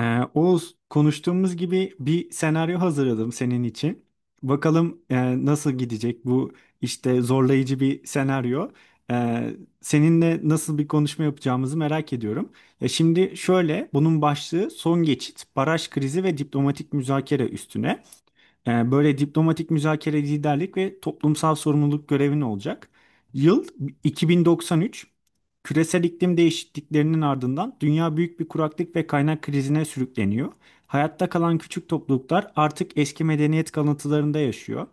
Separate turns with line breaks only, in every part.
Oğuz, konuştuğumuz gibi bir senaryo hazırladım senin için. Bakalım nasıl gidecek bu işte zorlayıcı bir senaryo. Ee, seninle nasıl bir konuşma yapacağımızı merak ediyorum. Ya şimdi şöyle, bunun başlığı son geçit, baraj krizi ve diplomatik müzakere üstüne. Böyle diplomatik müzakere liderlik ve toplumsal sorumluluk görevin olacak. Yıl 2093. Küresel iklim değişikliklerinin ardından dünya büyük bir kuraklık ve kaynak krizine sürükleniyor. Hayatta kalan küçük topluluklar artık eski medeniyet kalıntılarında yaşıyor.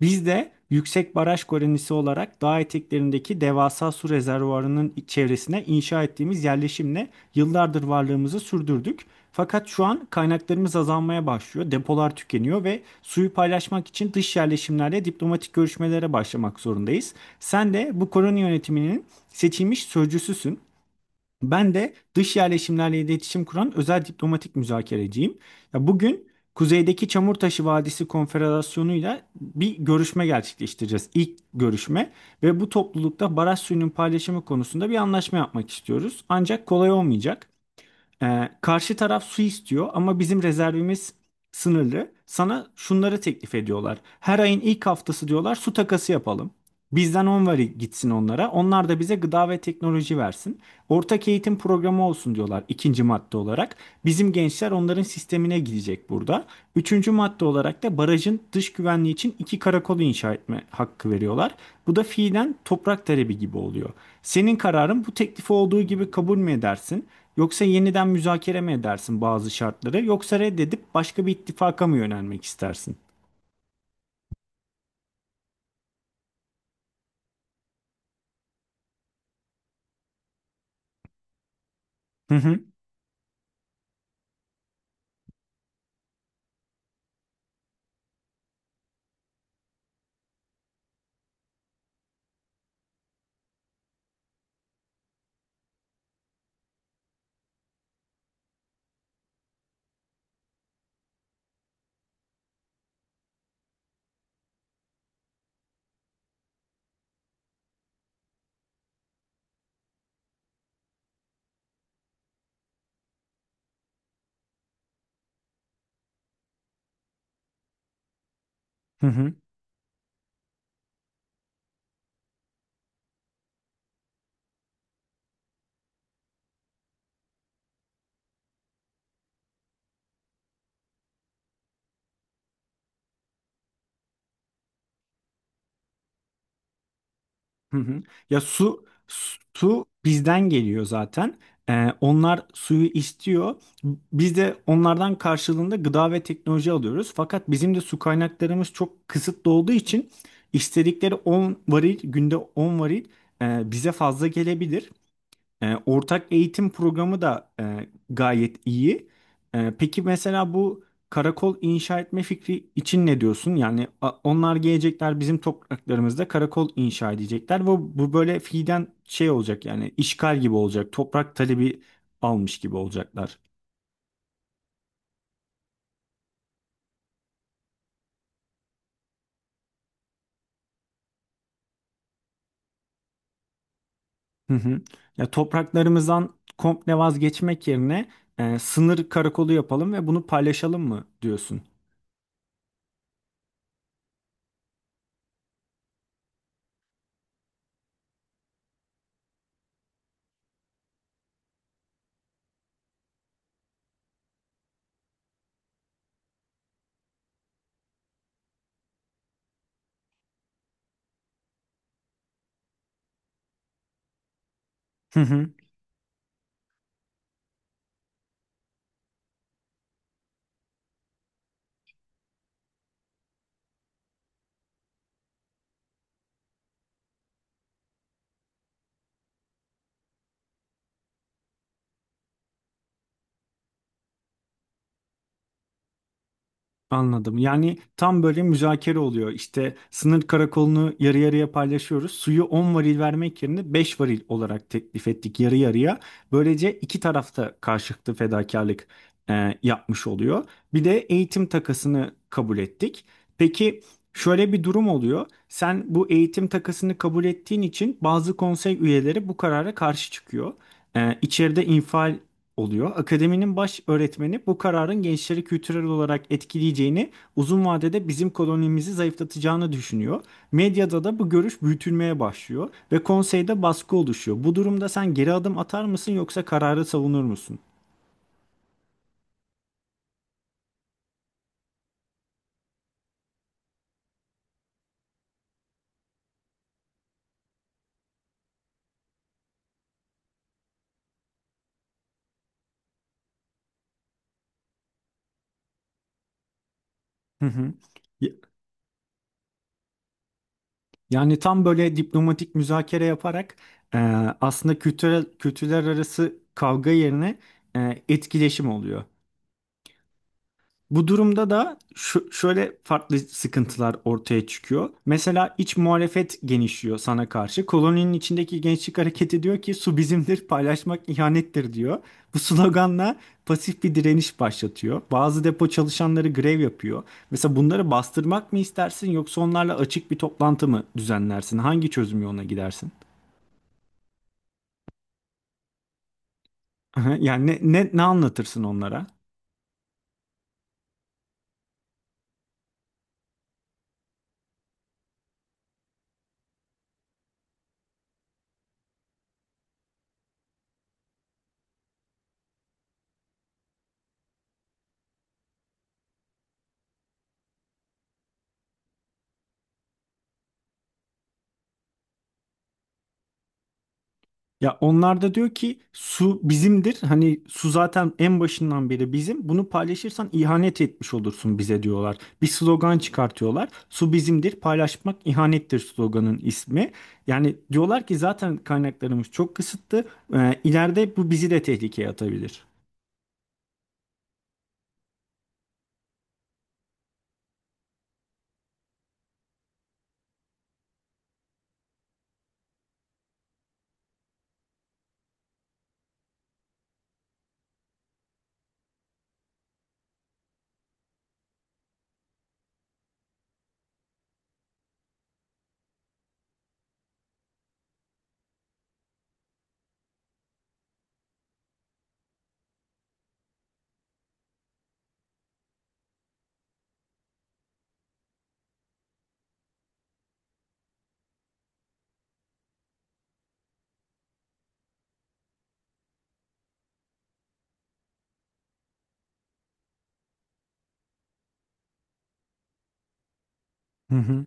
Biz de yüksek baraj kolonisi olarak dağ eteklerindeki devasa su rezervuarının çevresine inşa ettiğimiz yerleşimle yıllardır varlığımızı sürdürdük. Fakat şu an kaynaklarımız azalmaya başlıyor, depolar tükeniyor ve suyu paylaşmak için dış yerleşimlerle diplomatik görüşmelere başlamak zorundayız. Sen de bu koloni yönetiminin seçilmiş sözcüsüsün. Ben de dış yerleşimlerle iletişim kuran özel diplomatik müzakereciyim. Ya bugün kuzeydeki Çamurtaşı Vadisi Konfederasyonu'yla bir görüşme gerçekleştireceğiz. İlk görüşme ve bu toplulukta baraj suyunun paylaşımı konusunda bir anlaşma yapmak istiyoruz. Ancak kolay olmayacak. Karşı taraf su istiyor ama bizim rezervimiz sınırlı. Sana şunları teklif ediyorlar. Her ayın ilk haftası diyorlar su takası yapalım. Bizden 10 var gitsin onlara. Onlar da bize gıda ve teknoloji versin. Ortak eğitim programı olsun diyorlar ikinci madde olarak. Bizim gençler onların sistemine girecek burada. Üçüncü madde olarak da barajın dış güvenliği için iki karakolu inşa etme hakkı veriyorlar. Bu da fiilen toprak talebi gibi oluyor. Senin kararın bu teklifi olduğu gibi kabul mü edersin? Yoksa yeniden müzakere mi edersin bazı şartları? Yoksa reddedip başka bir ittifaka mı yönelmek istersin? Hı hı. Hı hı. Hı hı. Ya su bizden geliyor zaten. Onlar suyu istiyor. Biz de onlardan karşılığında gıda ve teknoloji alıyoruz. Fakat bizim de su kaynaklarımız çok kısıtlı olduğu için istedikleri 10 varil günde 10 varil bize fazla gelebilir. Ortak eğitim programı da gayet iyi. Peki mesela bu karakol inşa etme fikri için ne diyorsun? Yani onlar gelecekler bizim topraklarımızda karakol inşa edecekler ve bu böyle fiilen şey olacak yani işgal gibi olacak. Toprak talebi almış gibi olacaklar. Hı hı. Ya topraklarımızdan komple vazgeçmek yerine sınır karakolu yapalım ve bunu paylaşalım mı diyorsun? Anladım. Yani tam böyle müzakere oluyor. İşte sınır karakolunu yarı yarıya paylaşıyoruz. Suyu 10 varil vermek yerine 5 varil olarak teklif ettik yarı yarıya. Böylece iki tarafta karşılıklı fedakarlık yapmış oluyor. Bir de eğitim takasını kabul ettik. Peki şöyle bir durum oluyor. Sen bu eğitim takasını kabul ettiğin için bazı konsey üyeleri bu karara karşı çıkıyor. İçeride infial oluyor. Akademinin baş öğretmeni bu kararın gençleri kültürel olarak etkileyeceğini, uzun vadede bizim kolonimizi zayıflatacağını düşünüyor. Medyada da bu görüş büyütülmeye başlıyor ve konseyde baskı oluşuyor. Bu durumda sen geri adım atar mısın yoksa kararı savunur musun? Hı hı. Y- Yani tam böyle diplomatik müzakere yaparak e, aslında kültürel kültürler arası kavga yerine etkileşim oluyor. Bu durumda da şu, şöyle farklı sıkıntılar ortaya çıkıyor. Mesela iç muhalefet genişliyor sana karşı. Koloninin içindeki gençlik hareketi diyor ki su bizimdir, paylaşmak ihanettir diyor. Bu sloganla pasif bir direniş başlatıyor. Bazı depo çalışanları grev yapıyor. Mesela bunları bastırmak mı istersin yoksa onlarla açık bir toplantı mı düzenlersin? Hangi çözüm yoluna gidersin? Yani ne anlatırsın onlara? Ya onlar da diyor ki su bizimdir. Hani su zaten en başından beri bizim. Bunu paylaşırsan ihanet etmiş olursun bize diyorlar. Bir slogan çıkartıyorlar. Su bizimdir, paylaşmak ihanettir sloganın ismi. Yani diyorlar ki zaten kaynaklarımız çok kısıtlı. İleride bu bizi de tehlikeye atabilir. Hı hı.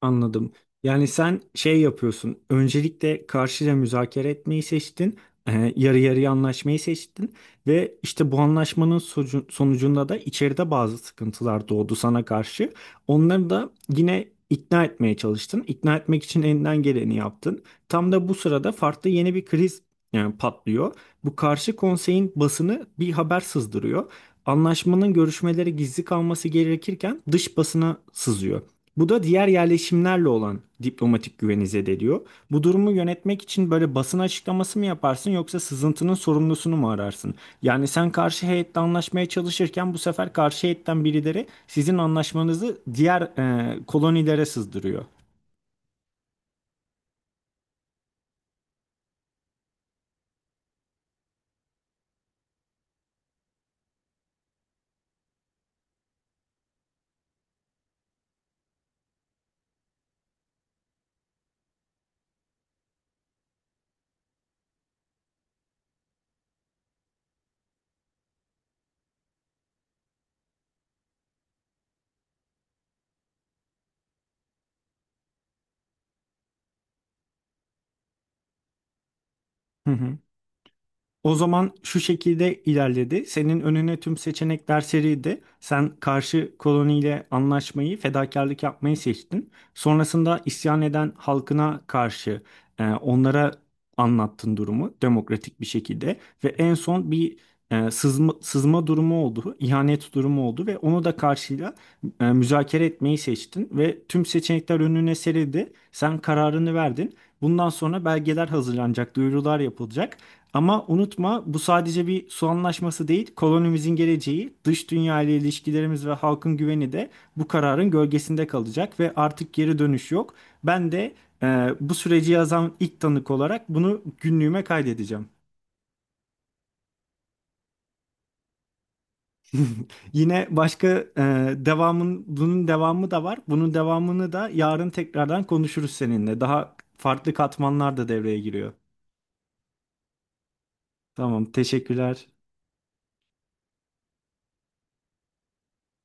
Anladım. Yani sen şey yapıyorsun. Öncelikle karşıyla müzakere etmeyi seçtin. Yarı yarıya anlaşmayı seçtin. Ve işte bu anlaşmanın sonucunda da içeride bazı sıkıntılar doğdu sana karşı. Onları da yine ikna etmeye çalıştın. İkna etmek için elinden geleni yaptın. Tam da bu sırada farklı yeni bir kriz yani patlıyor. Bu karşı konseyin basını bir haber sızdırıyor. Anlaşmanın görüşmeleri gizli kalması gerekirken dış basına sızıyor. Bu da diğer yerleşimlerle olan diplomatik güveni zedeliyor. Bu durumu yönetmek için böyle basın açıklaması mı yaparsın yoksa sızıntının sorumlusunu mu ararsın? Yani sen karşı heyetle anlaşmaya çalışırken bu sefer karşı heyetten birileri sizin anlaşmanızı diğer kolonilere sızdırıyor. Hı hı. O zaman şu şekilde ilerledi. Senin önüne tüm seçenekler serildi. Sen karşı koloniyle anlaşmayı, fedakarlık yapmayı seçtin. Sonrasında isyan eden halkına karşı onlara anlattın durumu demokratik bir şekilde. Ve en son bir sızma durumu oldu, ihanet durumu oldu ve onu da karşıyla müzakere etmeyi seçtin. Ve tüm seçenekler önüne serildi. Sen kararını verdin. Bundan sonra belgeler hazırlanacak, duyurular yapılacak. Ama unutma bu sadece bir su anlaşması değil, kolonimizin geleceği, dış dünya ile ilişkilerimiz ve halkın güveni de bu kararın gölgesinde kalacak ve artık geri dönüş yok. Ben de bu süreci yazan ilk tanık olarak bunu günlüğüme kaydedeceğim. Yine başka e, devamın bunun devamı da var. Bunun devamını da yarın tekrardan konuşuruz seninle. Daha farklı katmanlar da devreye giriyor. Tamam, teşekkürler.